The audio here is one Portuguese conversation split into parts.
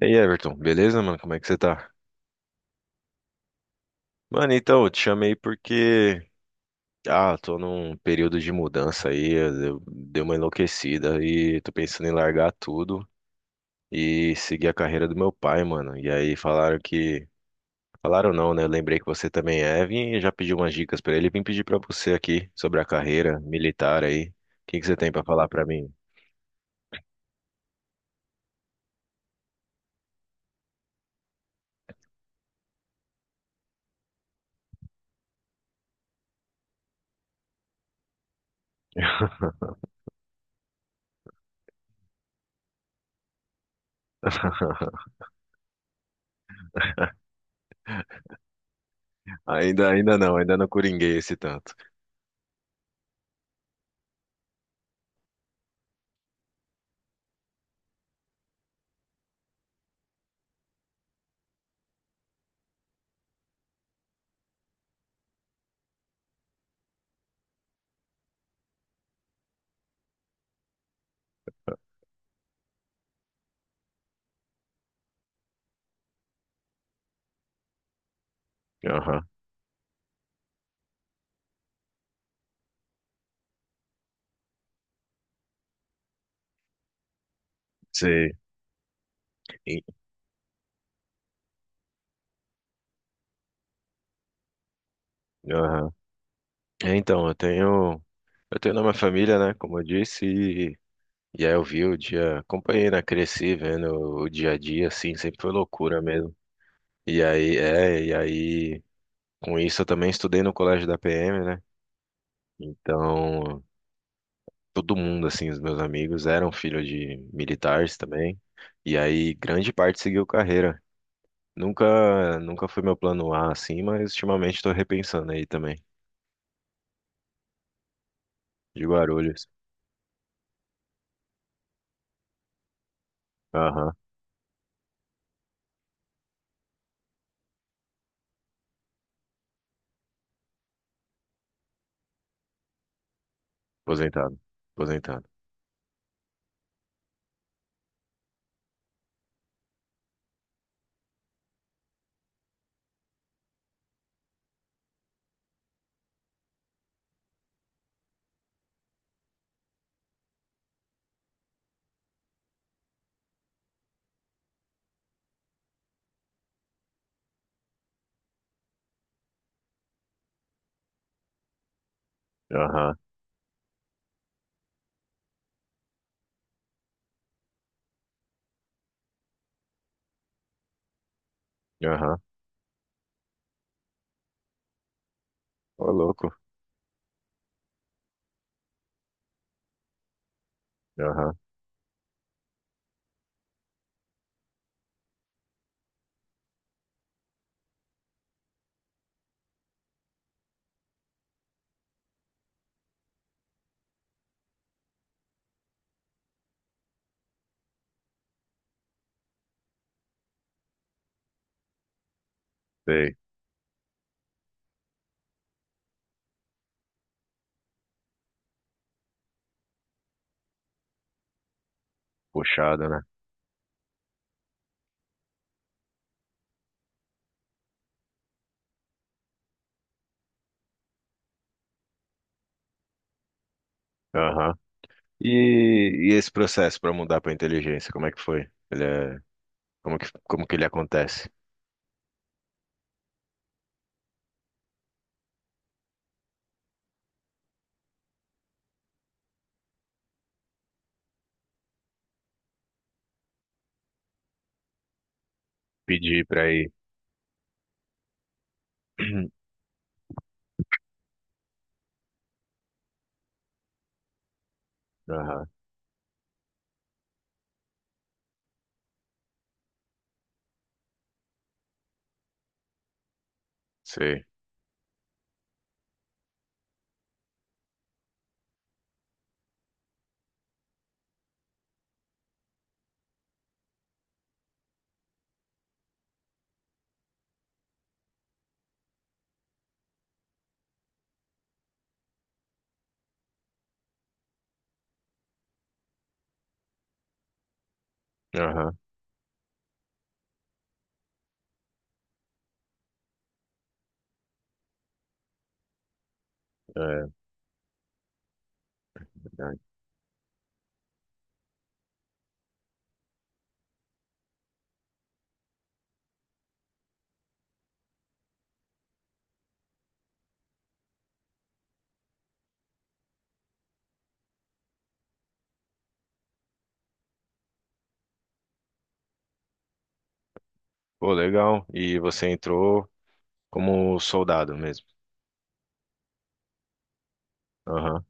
E aí, Everton, beleza, mano? Como é que você tá? Mano, então, eu te chamei porque. Ah, tô num período de mudança aí, deu uma enlouquecida e tô pensando em largar tudo e seguir a carreira do meu pai, mano. E aí falaram que. Falaram não, né? Eu lembrei que você também é, vim e já pedi umas dicas pra ele. Vim pedir pra você aqui sobre a carreira militar aí. O que que você tem pra falar pra mim? Ainda não coringuei esse tanto. Aham, sei. Sim. É, então, eu tenho na minha família, né, como eu disse, e aí eu vi o dia, acompanhei, né, cresci vendo o dia a dia, assim, sempre foi loucura mesmo. E aí, com isso eu também estudei no colégio da PM, né, então todo mundo, assim, os meus amigos eram filhos de militares também, e aí grande parte seguiu carreira. Nunca foi meu plano A, assim, mas ultimamente estou repensando aí também, de Guarulhos. Aham, aposentado, aposentado. Aham. Aham. Ô, louco. Aham. Sei. Puxado, né? Aham. E, e esse processo para mudar para inteligência, como é que foi? Como que ele acontece? Pedir para ir. Aham. Sei. Aham. É, verdade. Pô, legal. E você entrou como soldado mesmo. Aham.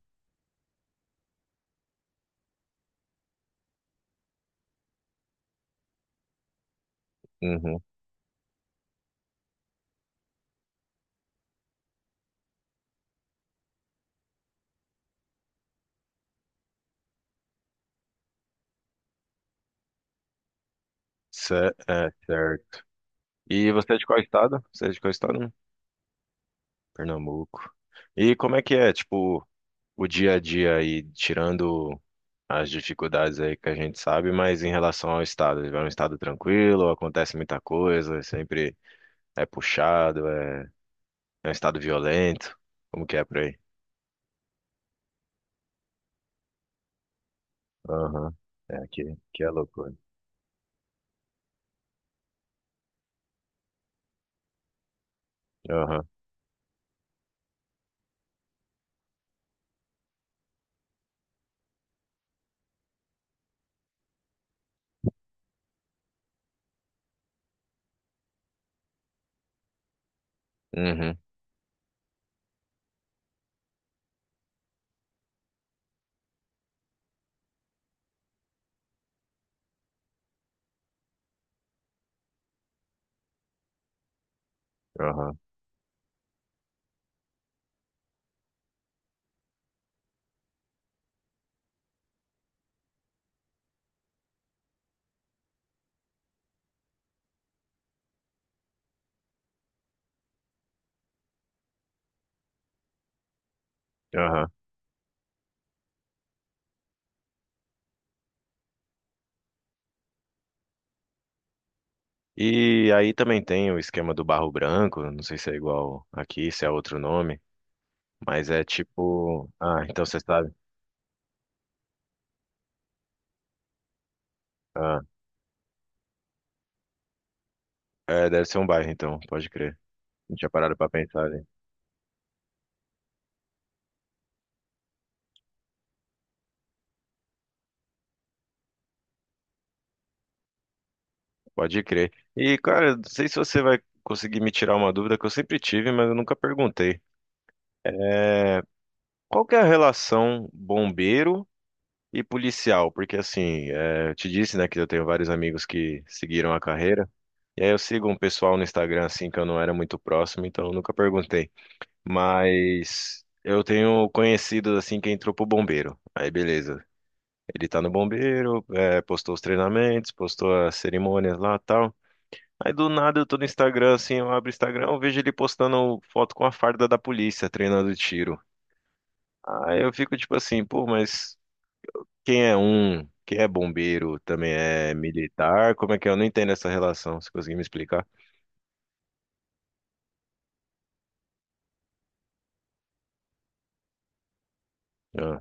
Uhum. Certo. E você é de qual estado? Você é de qual estado? Pernambuco. E como é que é, tipo, o dia a dia aí, tirando as dificuldades aí que a gente sabe, mas em relação ao estado, é um estado tranquilo, acontece muita coisa, é sempre puxado, é, é um estado violento. Como que é por aí? Aham. É, aqui, aqui é loucura. Aham. Uhum. Aham. Aham. E aí também tem o esquema do barro branco, não sei se é igual aqui, se é outro nome, mas é tipo. Ah, então você sabe. Ah, é, deve ser um bairro, então, pode crer. Não tinha parado pra pensar, né? Pode crer. E, cara, não sei se você vai conseguir me tirar uma dúvida que eu sempre tive, mas eu nunca perguntei. É, qual que é a relação bombeiro e policial? Porque, assim, é, eu te disse, né, que eu tenho vários amigos que seguiram a carreira. E aí eu sigo um pessoal no Instagram, assim, que eu não era muito próximo, então eu nunca perguntei. Mas eu tenho conhecidos, assim, que entrou pro bombeiro. Aí, beleza. Ele tá no bombeiro, é, postou os treinamentos, postou as cerimônias lá, tal. Aí do nada eu tô no Instagram, assim, eu abro o Instagram, eu vejo ele postando foto com a farda da polícia treinando tiro. Aí eu fico tipo assim, pô, mas quem é bombeiro, também é militar? Como é que é? Eu não entendo essa relação, se conseguir me explicar. Ah,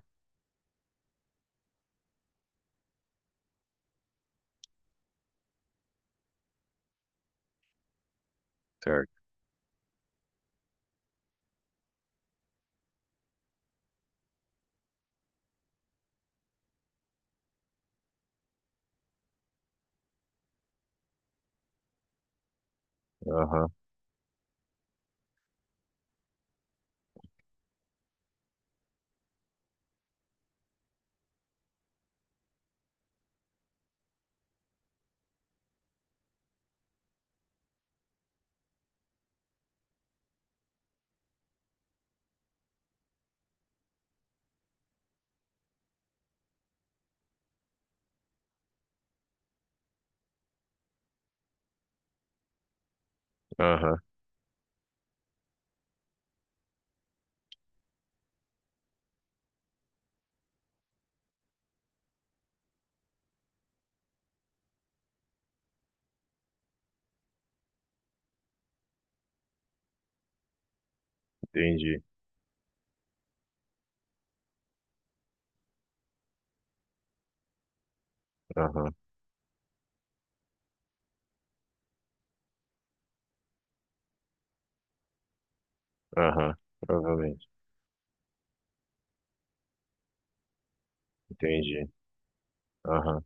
certo. Aham, aham, entendi. Aham, aham, provavelmente. Entendi. Aham,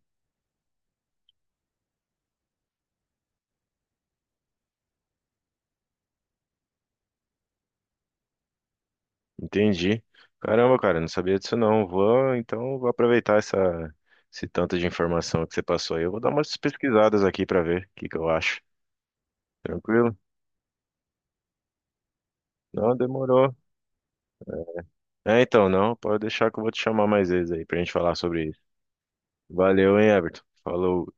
entendi. Caramba, cara, eu não sabia disso não. Vou aproveitar esse tanto de informação que você passou aí. Eu vou dar umas pesquisadas aqui pra ver o que que eu acho. Tranquilo? Não, demorou. É, então, não, pode deixar que eu vou te chamar mais vezes aí pra gente falar sobre isso. Valeu, hein, Everton? Falou.